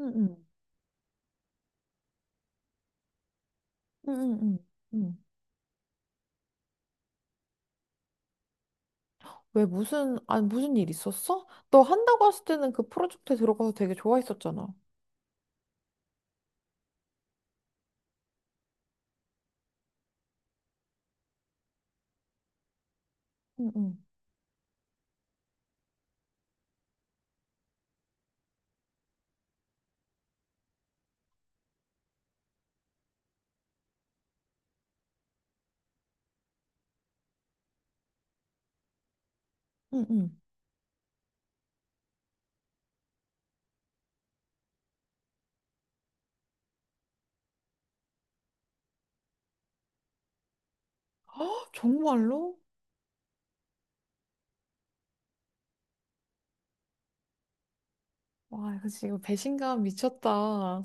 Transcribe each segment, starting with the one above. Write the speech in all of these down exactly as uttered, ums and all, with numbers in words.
응응 응응응 응. 응, 응. 응. 왜 무슨 아니 무슨 일 있었어? 너 한다고 했을 때는 그 프로젝트에 들어가서 되게 좋아했었잖아. 응응 응응. 아 정말로? 와 이거 지금 배신감 미쳤다.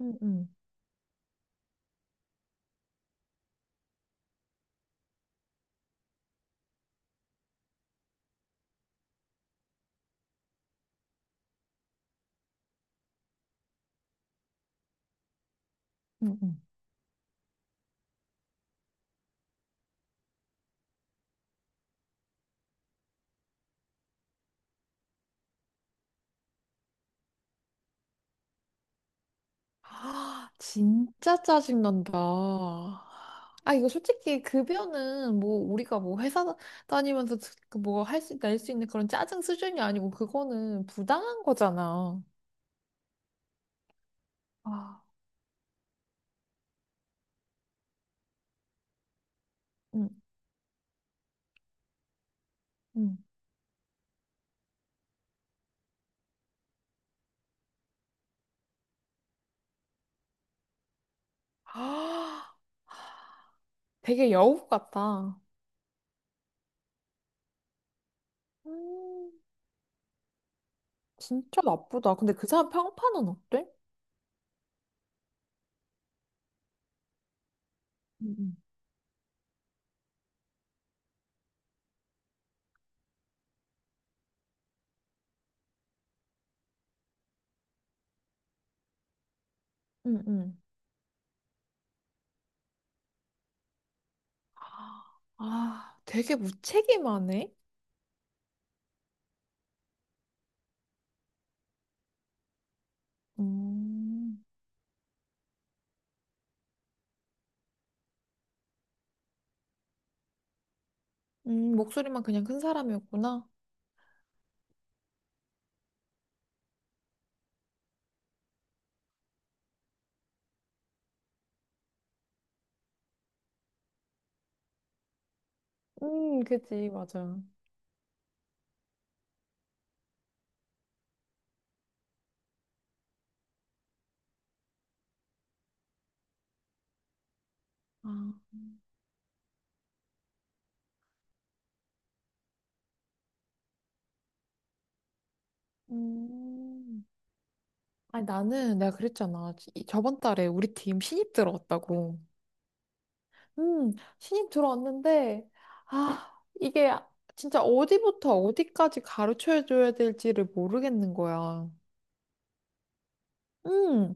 응응 응응. 아 진짜 짜증 난다. 아 이거 솔직히 급여는 뭐 우리가 뭐 회사 다니면서 뭐 할 수 낼 수 있는 그런 짜증 수준이 아니고 그거는 부당한 거잖아. 아, 응, 응. 되게 여우 같다. 음, 진짜 나쁘다. 근데 그 사람 평판은 어때? 음. 응, 응. 아, 되게 무책임하네. 음, 음, 목소리만 그냥 큰 사람이었구나. 음, 그지, 맞아. 아, 음. 아니, 나는 내가 그랬잖아. 이- 저번 달에 우리 팀 신입 들어왔다고. 음, 신입 들어왔는데, 아, 이게 진짜 어디부터 어디까지 가르쳐줘야 될지를 모르겠는 거야. 음,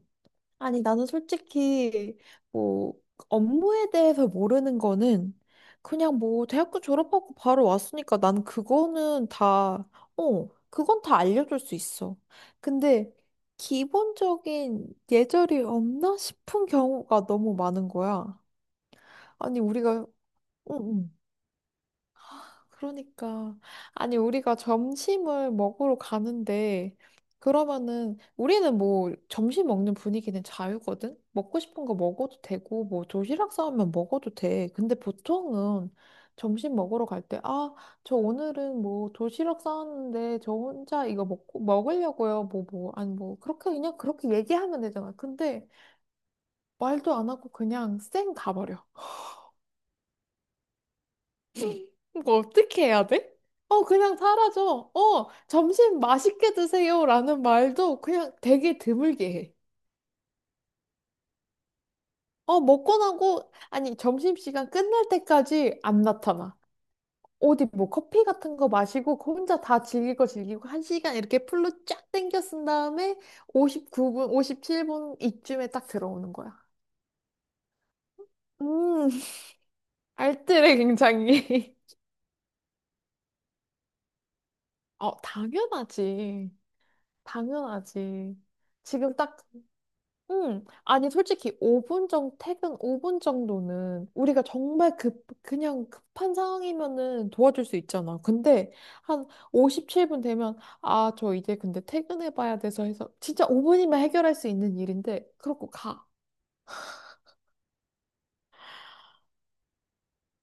아니, 나는 솔직히, 뭐, 업무에 대해서 모르는 거는 그냥 뭐, 대학교 졸업하고 바로 왔으니까 난 그거는 다, 어, 그건 다 알려줄 수 있어. 근데, 기본적인 예절이 없나 싶은 경우가 너무 많은 거야. 아니, 우리가, 응, 응. 그러니까 아니 우리가 점심을 먹으러 가는데 그러면은 우리는 뭐 점심 먹는 분위기는 자유거든. 먹고 싶은 거 먹어도 되고 뭐 도시락 싸우면 먹어도 돼. 근데 보통은 점심 먹으러 갈 때 아, 저 오늘은 뭐 도시락 싸왔는데 저 혼자 이거 먹고 먹으려고요. 뭐 뭐 아니 뭐 그렇게 그냥 그렇게 얘기하면 되잖아. 근데 말도 안 하고 그냥 쌩 가버려. 이거 어떻게 해야 돼? 어, 그냥 사라져. 어, 점심 맛있게 드세요. 라는 말도 그냥 되게 드물게 해. 어, 먹고 나고, 아니, 점심시간 끝날 때까지 안 나타나. 어디 뭐 커피 같은 거 마시고 그 혼자 다 즐기고 즐기고 한 시간 이렇게 풀로 쫙 땡겨 쓴 다음에 오십구 분, 오십칠 분 이쯤에 딱 들어오는 거야. 음, 알뜰해, 굉장히. 어, 당연하지. 당연하지. 지금 딱 음, 아니, 솔직히 오 분 정도, 퇴근 오 분 정도는 우리가 정말 급, 그냥 급한 상황이면은 도와줄 수 있잖아. 근데 한 오십칠 분 되면, 아, 저 이제 근데 퇴근해봐야 돼서 해서 진짜 오 분이면 해결할 수 있는 일인데, 그러고 가.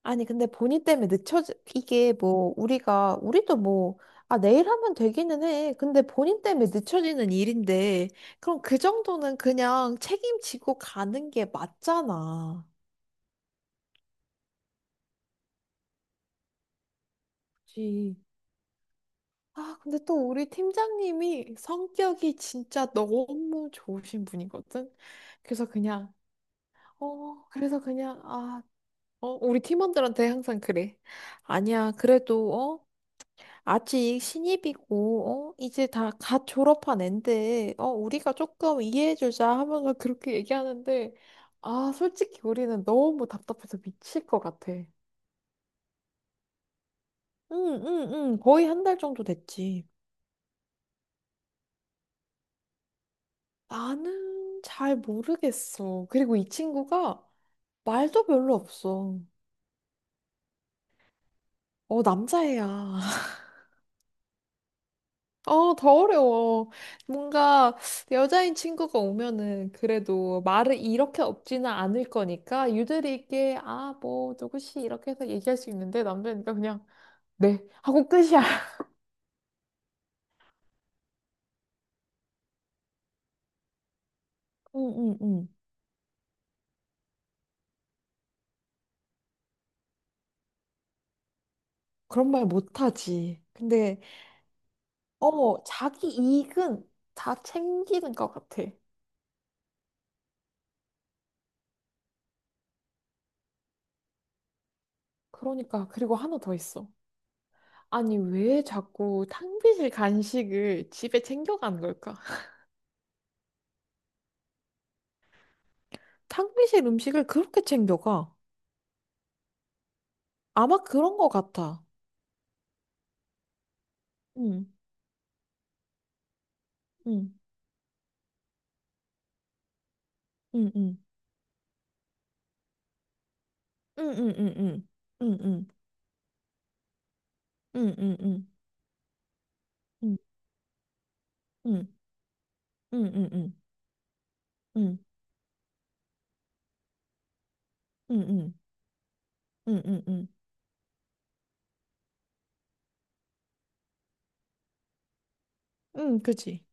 아니, 근데 본인 때문에 늦춰지, 이게 뭐, 우리가, 우리도 뭐, 아, 내일 하면 되기는 해. 근데 본인 때문에 늦춰지는 일인데, 그럼 그 정도는 그냥 책임지고 가는 게 맞잖아. 그치. 아, 근데 또 우리 팀장님이 성격이 진짜 너무 좋으신 분이거든. 그래서 그냥, 어, 그래서 그냥, 아, 어, 우리 팀원들한테 항상 그래. 아니야, 그래도, 어, 아직 신입이고, 어, 이제 다 갓 졸업한 앤데, 어, 우리가 조금 이해해주자 하면서 그렇게 얘기하는데, 아, 솔직히 우리는 너무 답답해서 미칠 것 같아. 응, 응, 응, 거의 한 달 정도 됐지. 나는 잘 모르겠어. 그리고 이 친구가 말도 별로 없어. 어, 남자애야. 어, 더 어려워. 뭔가 여자인 친구가 오면은 그래도 말을 이렇게 없지는 않을 거니까 유들이 있게 아, 뭐, 누구씨 이렇게 해서 얘기할 수 있는데 남자니까 그냥 네 하고 끝이야. 응, 응, 응. 그런 말 못하지. 근데 어, 자기 이익은 다 챙기는 것 같아. 그러니까 그리고 하나 더 있어. 아니, 왜 자꾸 탕비실 간식을 집에 챙겨가는 걸까? 탕비실 음식을 그렇게 챙겨가? 아마 그런 거 같아. 응, 응, 응, 응, 응, 응, 응, 응, 응, 응, 응, 응, 응, 응, 응, 응, 응, 응, 응, 응, 응, 응, 응, 응, 응, 그지.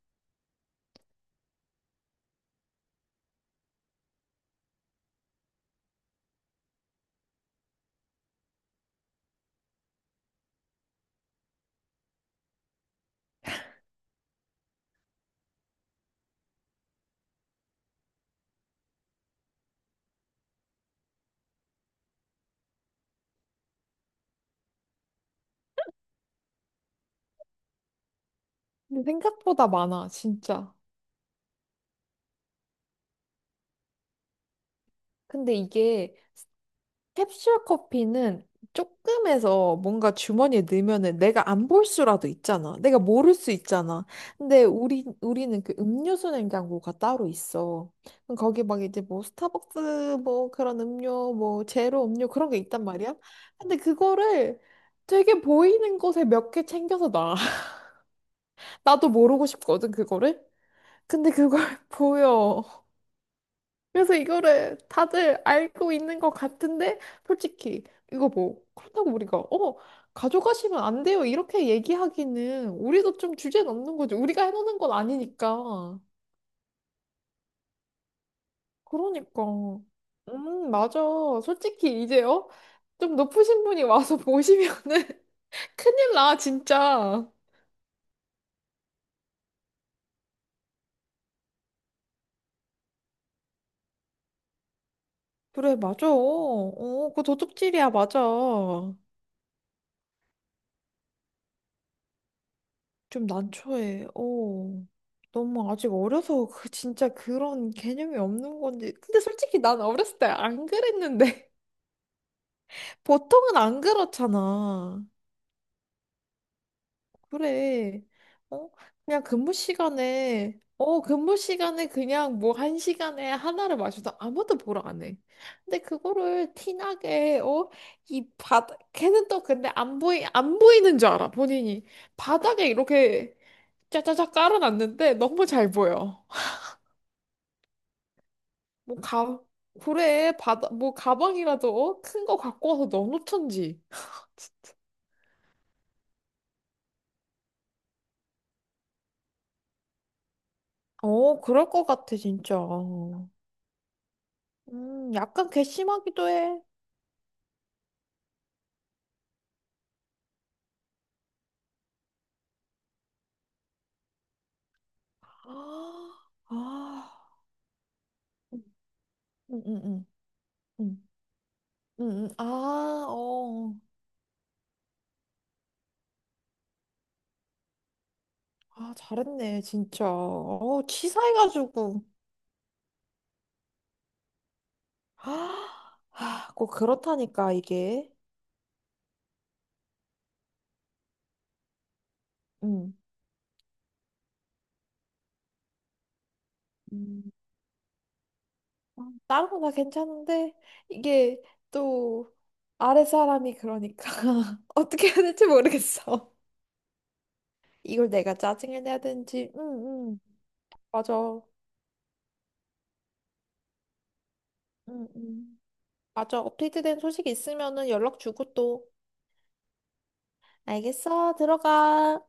근데 생각보다 많아, 진짜. 근데 이게 캡슐 커피는 조금해서 뭔가 주머니에 넣으면은 내가 안 볼 수라도 있잖아. 내가 모를 수 있잖아. 근데 우리 우리는 그 음료수 냉장고가 따로 있어. 그럼 거기 막 이제 뭐 스타벅스 뭐 그런 음료 뭐 제로 음료 그런 게 있단 말이야. 근데 그거를 되게 보이는 곳에 몇 개 챙겨서 놔. 나도 모르고 싶거든 그거를. 근데 그걸 보여. 그래서 이거를 다들 알고 있는 것 같은데, 솔직히, 이거 뭐, 그렇다고 우리가, 어, 가져가시면 안 돼요. 이렇게 얘기하기는, 우리도 좀 주제 넘는 거지. 우리가 해놓는 건 아니니까. 그러니까. 음, 맞아. 솔직히, 이제, 요좀 높으신 분이 와서 보시면은 큰일 나, 진짜. 그래, 맞아. 어, 그거 도둑질이야, 맞아. 좀 난처해. 어. 너무 아직 어려서 그 진짜 그런 개념이 없는 건지. 근데 솔직히 난 어렸을 때 안 그랬는데. 보통은 안 그렇잖아. 그래. 어? 그냥 근무 시간에, 어, 근무 시간에 그냥 뭐 한 시간에 하나를 마셔도 아무도 보러 안 해. 근데 그거를 티나게, 어? 이 바닥, 걔는 또 근데 안 보이, 안 보이는 줄 알아, 본인이. 바닥에 이렇게 짜자자 깔아놨는데 너무 잘 보여. 뭐 가, 그래, 바다, 뭐 가방이라도 큰 거 갖고 와서 넣어놓던지. 어, 그럴 것 같아, 진짜. 음, 약간 괘씸하기도 해. 아, 아, 응, 응, 응, 응, 응, 응. 아, 어, 아, 잘했네, 진짜. 어, 치사해가지고. 아, 아, 꼭 그렇다니까, 이게. 응. 다른 거 다 괜찮은데 이게 또 아랫사람이 그러니까 어떻게 해야 될지 모르겠어. 이걸 내가 짜증을 내야 되는지. 응, 응. 맞아. 응, 응. 맞아. 업데이트된 소식 있으면은 연락 주고 또. 알겠어. 들어가.